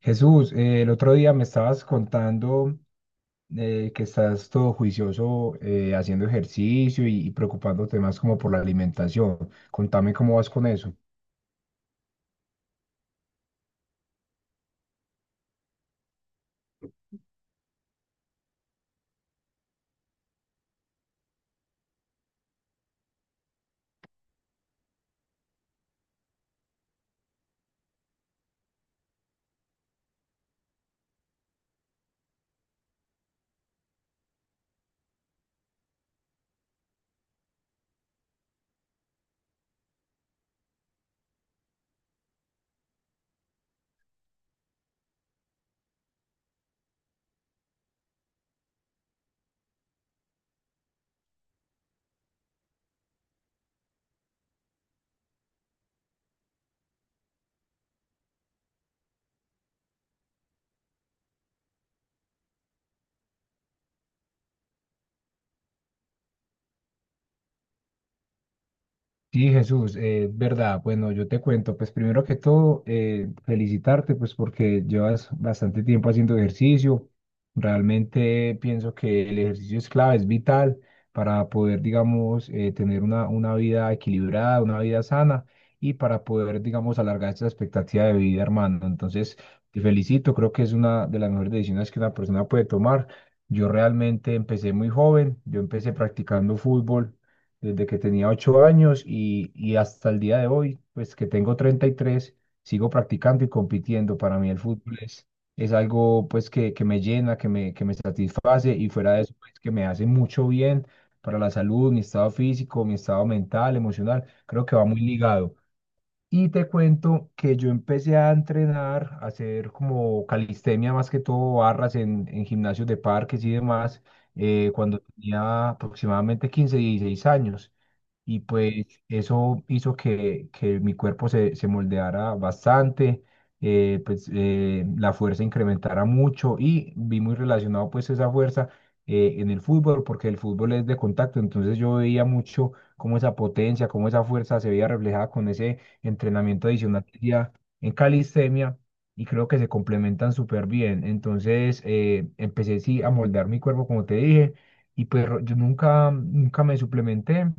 Jesús, el otro día me estabas contando que estás todo juicioso, haciendo ejercicio y preocupándote más como por la alimentación. Contame cómo vas con eso. Sí, Jesús, verdad. Bueno, yo te cuento, pues primero que todo, felicitarte, pues porque llevas bastante tiempo haciendo ejercicio. Realmente pienso que el ejercicio es clave, es vital para poder, digamos, tener una vida equilibrada, una vida sana, y para poder, digamos, alargar esa expectativa de vida, hermano. Entonces, te felicito, creo que es una de las mejores decisiones que una persona puede tomar. Yo realmente empecé muy joven, yo empecé practicando fútbol desde que tenía 8 años, y hasta el día de hoy, pues que tengo 33, sigo practicando y compitiendo. Para mí el fútbol es algo, pues que me llena, que me satisface, y fuera de eso, pues, que me hace mucho bien para la salud, mi estado físico, mi estado mental, emocional. Creo que va muy ligado. Y te cuento que yo empecé a entrenar, a hacer como calistenia más que todo, barras en gimnasios de parques y demás, cuando tenía aproximadamente 15, 16 años. Y pues eso hizo que mi cuerpo se moldeara bastante, pues, la fuerza incrementara mucho, y vi muy relacionado pues esa fuerza, en el fútbol, porque el fútbol es de contacto. Entonces yo veía mucho cómo esa potencia, cómo esa fuerza se veía reflejada con ese entrenamiento adicional que hacía en calistenia, y creo que se complementan súper bien. Entonces, empecé sí a moldear mi cuerpo, como te dije, y pues yo nunca me suplementé,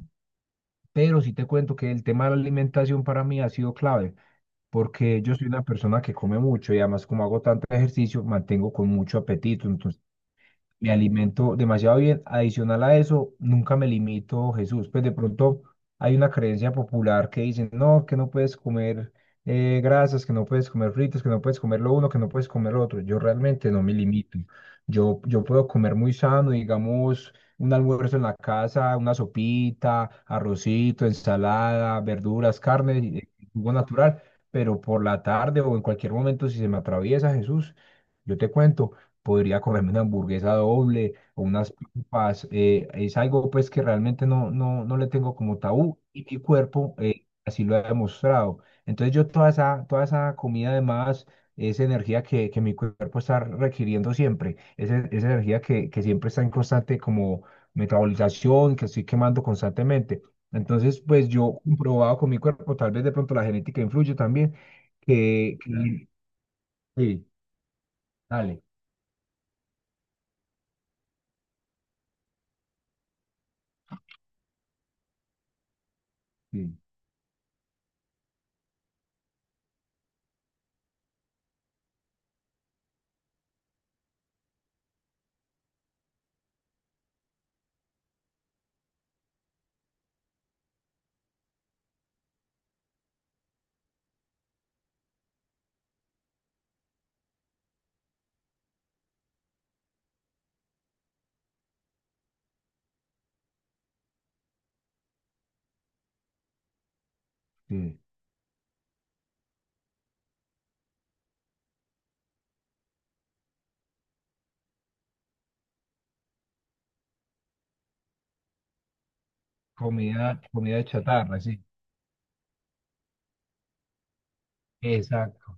pero sí te cuento que el tema de la alimentación para mí ha sido clave, porque yo soy una persona que come mucho, y además, como hago tanto ejercicio, mantengo con mucho apetito. Entonces me alimento demasiado bien. Adicional a eso, nunca me limito, Jesús. Pues de pronto hay una creencia popular que dicen, no, que no puedes comer, grasas, que no puedes comer fritos, que no puedes comer lo uno, que no puedes comer lo otro. Yo realmente no me limito. Yo puedo comer muy sano, digamos, un almuerzo en la casa, una sopita, arrocito, ensalada, verduras, carne, jugo natural. Pero por la tarde, o en cualquier momento, si se me atraviesa, Jesús, yo te cuento, podría comerme una hamburguesa doble o unas papas. Es algo, pues, que realmente no le tengo como tabú, y mi cuerpo, así lo ha demostrado. Entonces, yo toda esa comida, además, esa energía que mi cuerpo está requiriendo siempre, esa energía que siempre está en constante como metabolización, que estoy quemando constantemente. Entonces, pues, yo he comprobado con mi cuerpo, tal vez de pronto la genética influye también, que, que- sí, dale, sí, sí. Comida chatarra, sí. Exacto.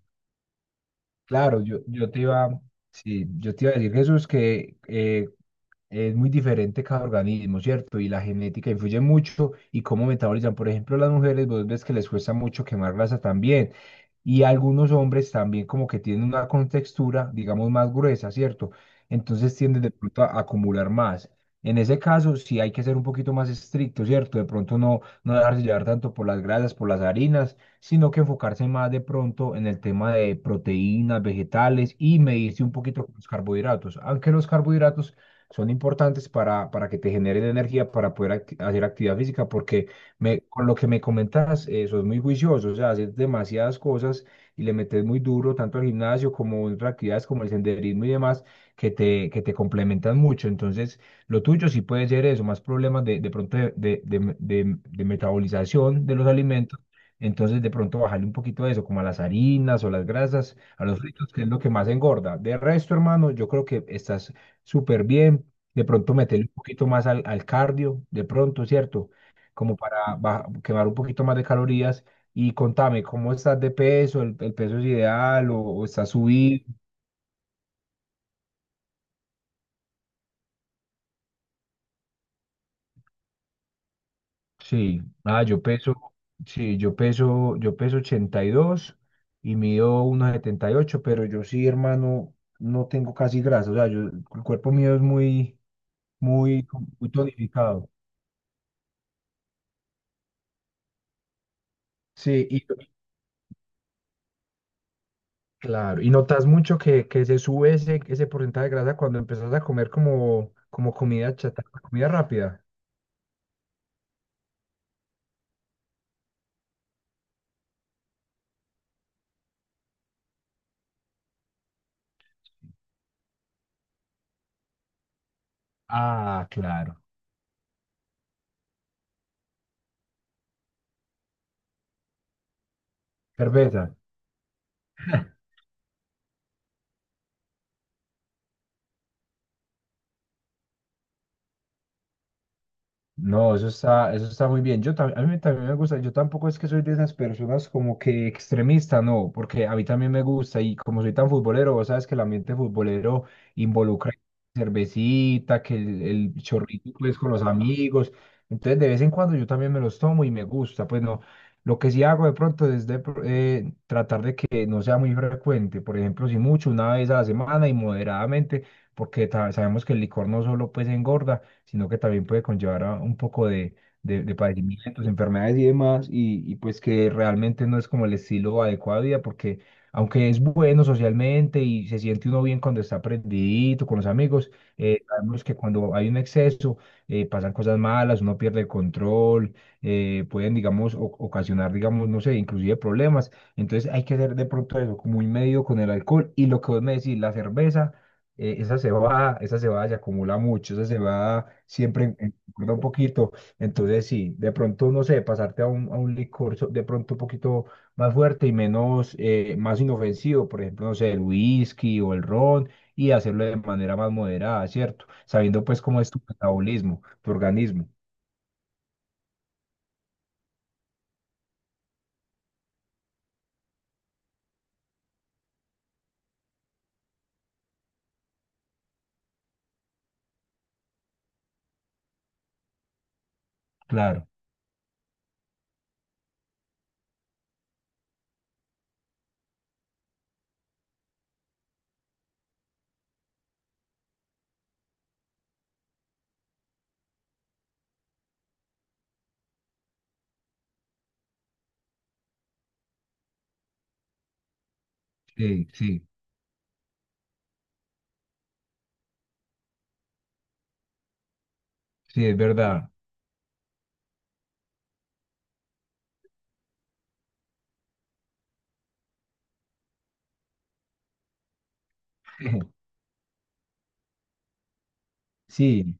Claro, yo te iba a decir, Jesús, que, es muy diferente cada organismo, ¿cierto? Y la genética influye mucho, y cómo metabolizan. Por ejemplo, las mujeres, vos ves que les cuesta mucho quemar grasa también. Y algunos hombres también, como que tienen una contextura, digamos, más gruesa, ¿cierto? Entonces tienden de pronto a acumular más. En ese caso, sí hay que ser un poquito más estricto, ¿cierto? De pronto no dejarse llevar tanto por las grasas, por las harinas, sino que enfocarse más, de pronto, en el tema de proteínas, vegetales, y medirse un poquito con los carbohidratos. Aunque los carbohidratos son importantes para que te generen energía, para poder hacer actividad física, porque, con lo que me comentas, sos muy juicioso. O sea, haces demasiadas cosas, y le metes muy duro, tanto al gimnasio como en otras actividades como el senderismo y demás, que te complementan mucho. Entonces, lo tuyo sí puede ser eso, más problemas de pronto de metabolización de los alimentos. Entonces, de pronto bajarle un poquito a eso, como a las harinas, o las grasas, a los fritos, que es lo que más engorda. De resto, hermano, yo creo que estás súper bien. De pronto meterle un poquito más al cardio, de pronto, ¿cierto? Como para quemar un poquito más de calorías. Y contame, ¿cómo estás de peso? ¿El peso es ideal, o está subido? Sí, yo peso 82, y mido 1,78, pero yo sí, hermano, no tengo casi grasa. O sea, yo, el cuerpo mío es muy, muy, muy tonificado. Sí. Claro, y notas mucho que se sube ese porcentaje de grasa cuando empezás a comer como comida chatarra, comida rápida. Ah, claro. Cerveza. No, eso está muy bien. A mí también me gusta. Yo tampoco, es que soy de esas personas como que extremista, no, porque a mí también me gusta, y como soy tan futbolero, vos sabes que el ambiente futbolero involucra cervecita, que el chorrito, pues, con los amigos. Entonces, de vez en cuando yo también me los tomo y me gusta, pues no. Lo que sí hago, de pronto, es tratar de que no sea muy frecuente. Por ejemplo, si mucho, una vez a la semana y moderadamente, porque sabemos que el licor no solo, pues, engorda, sino que también puede conllevar a un poco de padecimientos, enfermedades y demás, y pues, que realmente no es como el estilo adecuado de vida, porque, aunque es bueno socialmente y se siente uno bien cuando está prendidito con los amigos, sabemos que cuando hay un exceso, pasan cosas malas, uno pierde el control. Pueden, digamos, ocasionar, digamos, no sé, inclusive problemas. Entonces hay que hacer de pronto eso, como un medio con el alcohol. Y lo que vos me decís, la cerveza, esa se va, se acumula mucho, esa se va siempre recuerda un poquito. Entonces, sí, de pronto, no sé, pasarte a un licor, de pronto, un poquito más fuerte y menos, más inofensivo. Por ejemplo, no sé, el whisky o el ron, y hacerlo de manera más moderada, ¿cierto? Sabiendo, pues, cómo es tu metabolismo, tu organismo. Claro, sí, sí, sí, es verdad. Sí,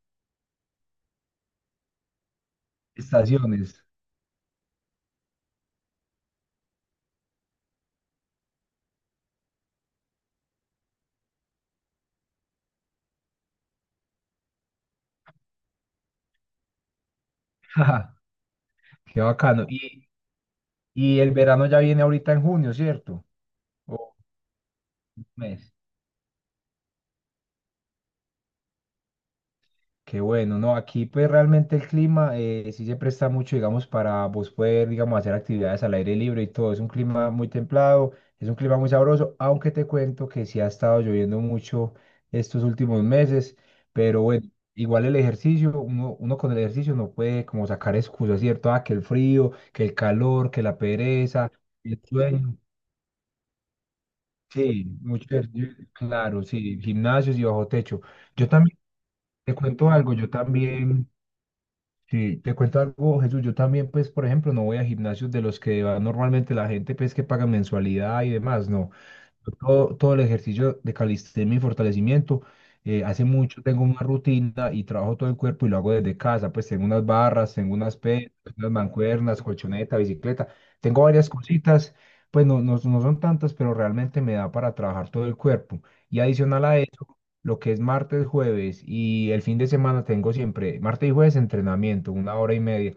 estaciones. Qué bacano. Y el verano ya viene ahorita en junio, ¿cierto? Mes. Qué bueno. No, aquí, pues, realmente el clima, sí se presta mucho, digamos, para vos poder, digamos, hacer actividades al aire libre y todo. Es un clima muy templado, es un clima muy sabroso, aunque te cuento que sí ha estado lloviendo mucho estos últimos meses. Pero bueno, igual el ejercicio, uno con el ejercicio no puede como sacar excusas, ¿cierto? Ah, que el frío, que el calor, que la pereza, el sueño. Sí, mucho ejercicio, claro, sí, gimnasios y bajo techo. Yo también, te cuento algo, yo también. Sí, te cuento algo, Jesús. Yo también, pues, por ejemplo, no voy a gimnasios de los que va normalmente la gente, pues, que paga mensualidad y demás. No, yo todo el ejercicio de calistenia y fortalecimiento. Hace mucho tengo una rutina, y trabajo todo el cuerpo, y lo hago desde casa. Pues tengo unas barras, tengo unas pesas, unas mancuernas, colchoneta, bicicleta. Tengo varias cositas, pues no son tantas, pero realmente me da para trabajar todo el cuerpo. Y adicional a lo que es martes, jueves y el fin de semana, tengo siempre martes y jueves entrenamiento, una hora y media.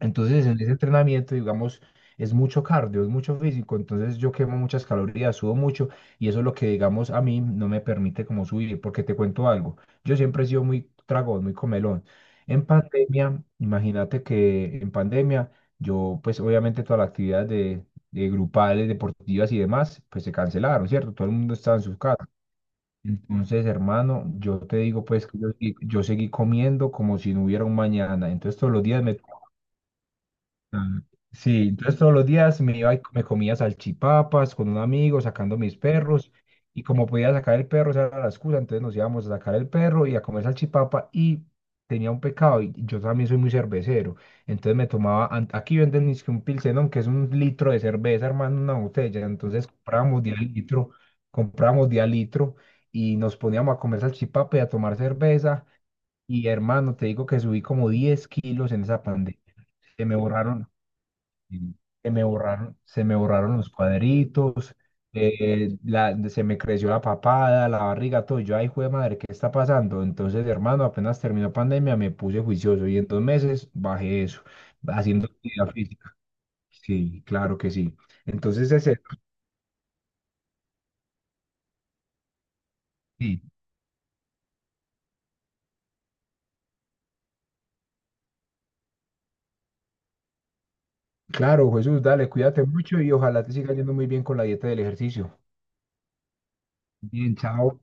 Entonces, en ese entrenamiento, digamos, es mucho cardio, es mucho físico. Entonces yo quemo muchas calorías, sudo mucho, y eso es lo que, digamos, a mí no me permite como subir, porque te cuento algo, yo siempre he sido muy tragón, muy comelón. En pandemia, imagínate que en pandemia, yo, pues obviamente, todas las actividades de grupales, deportivas y demás, pues se cancelaron, ¿cierto? Todo el mundo estaba en sus casas. Entonces, hermano, yo te digo pues que yo seguí comiendo como si no hubiera un mañana. Entonces todos los días me Ah, sí, entonces todos los días me iba y me comía salchipapas con un amigo sacando mis perros, y como podía sacar el perro, esa era la excusa, entonces nos íbamos a sacar el perro y a comer salchipapa. Y tenía un pecado, y yo también soy muy cervecero, entonces me tomaba, aquí venden es que un pilsenón, que es un litro de cerveza, hermano, una botella. Entonces comprábamos de a litro, y nos poníamos a comer salchipapa y a tomar cerveza, y hermano, te digo que subí como 10 kilos en esa pandemia. Se me borraron. Y se me borraron los cuadritos. Se me creció la papada, la barriga, todo. Yo, ay, de madre, ¿qué está pasando? Entonces, hermano, apenas terminó pandemia, me puse juicioso, y en 2 meses bajé eso, haciendo actividad física. Sí, claro que sí. Entonces, ese, sí, claro, Jesús, dale, cuídate mucho, y ojalá te siga yendo muy bien con la dieta del ejercicio. Bien, chao.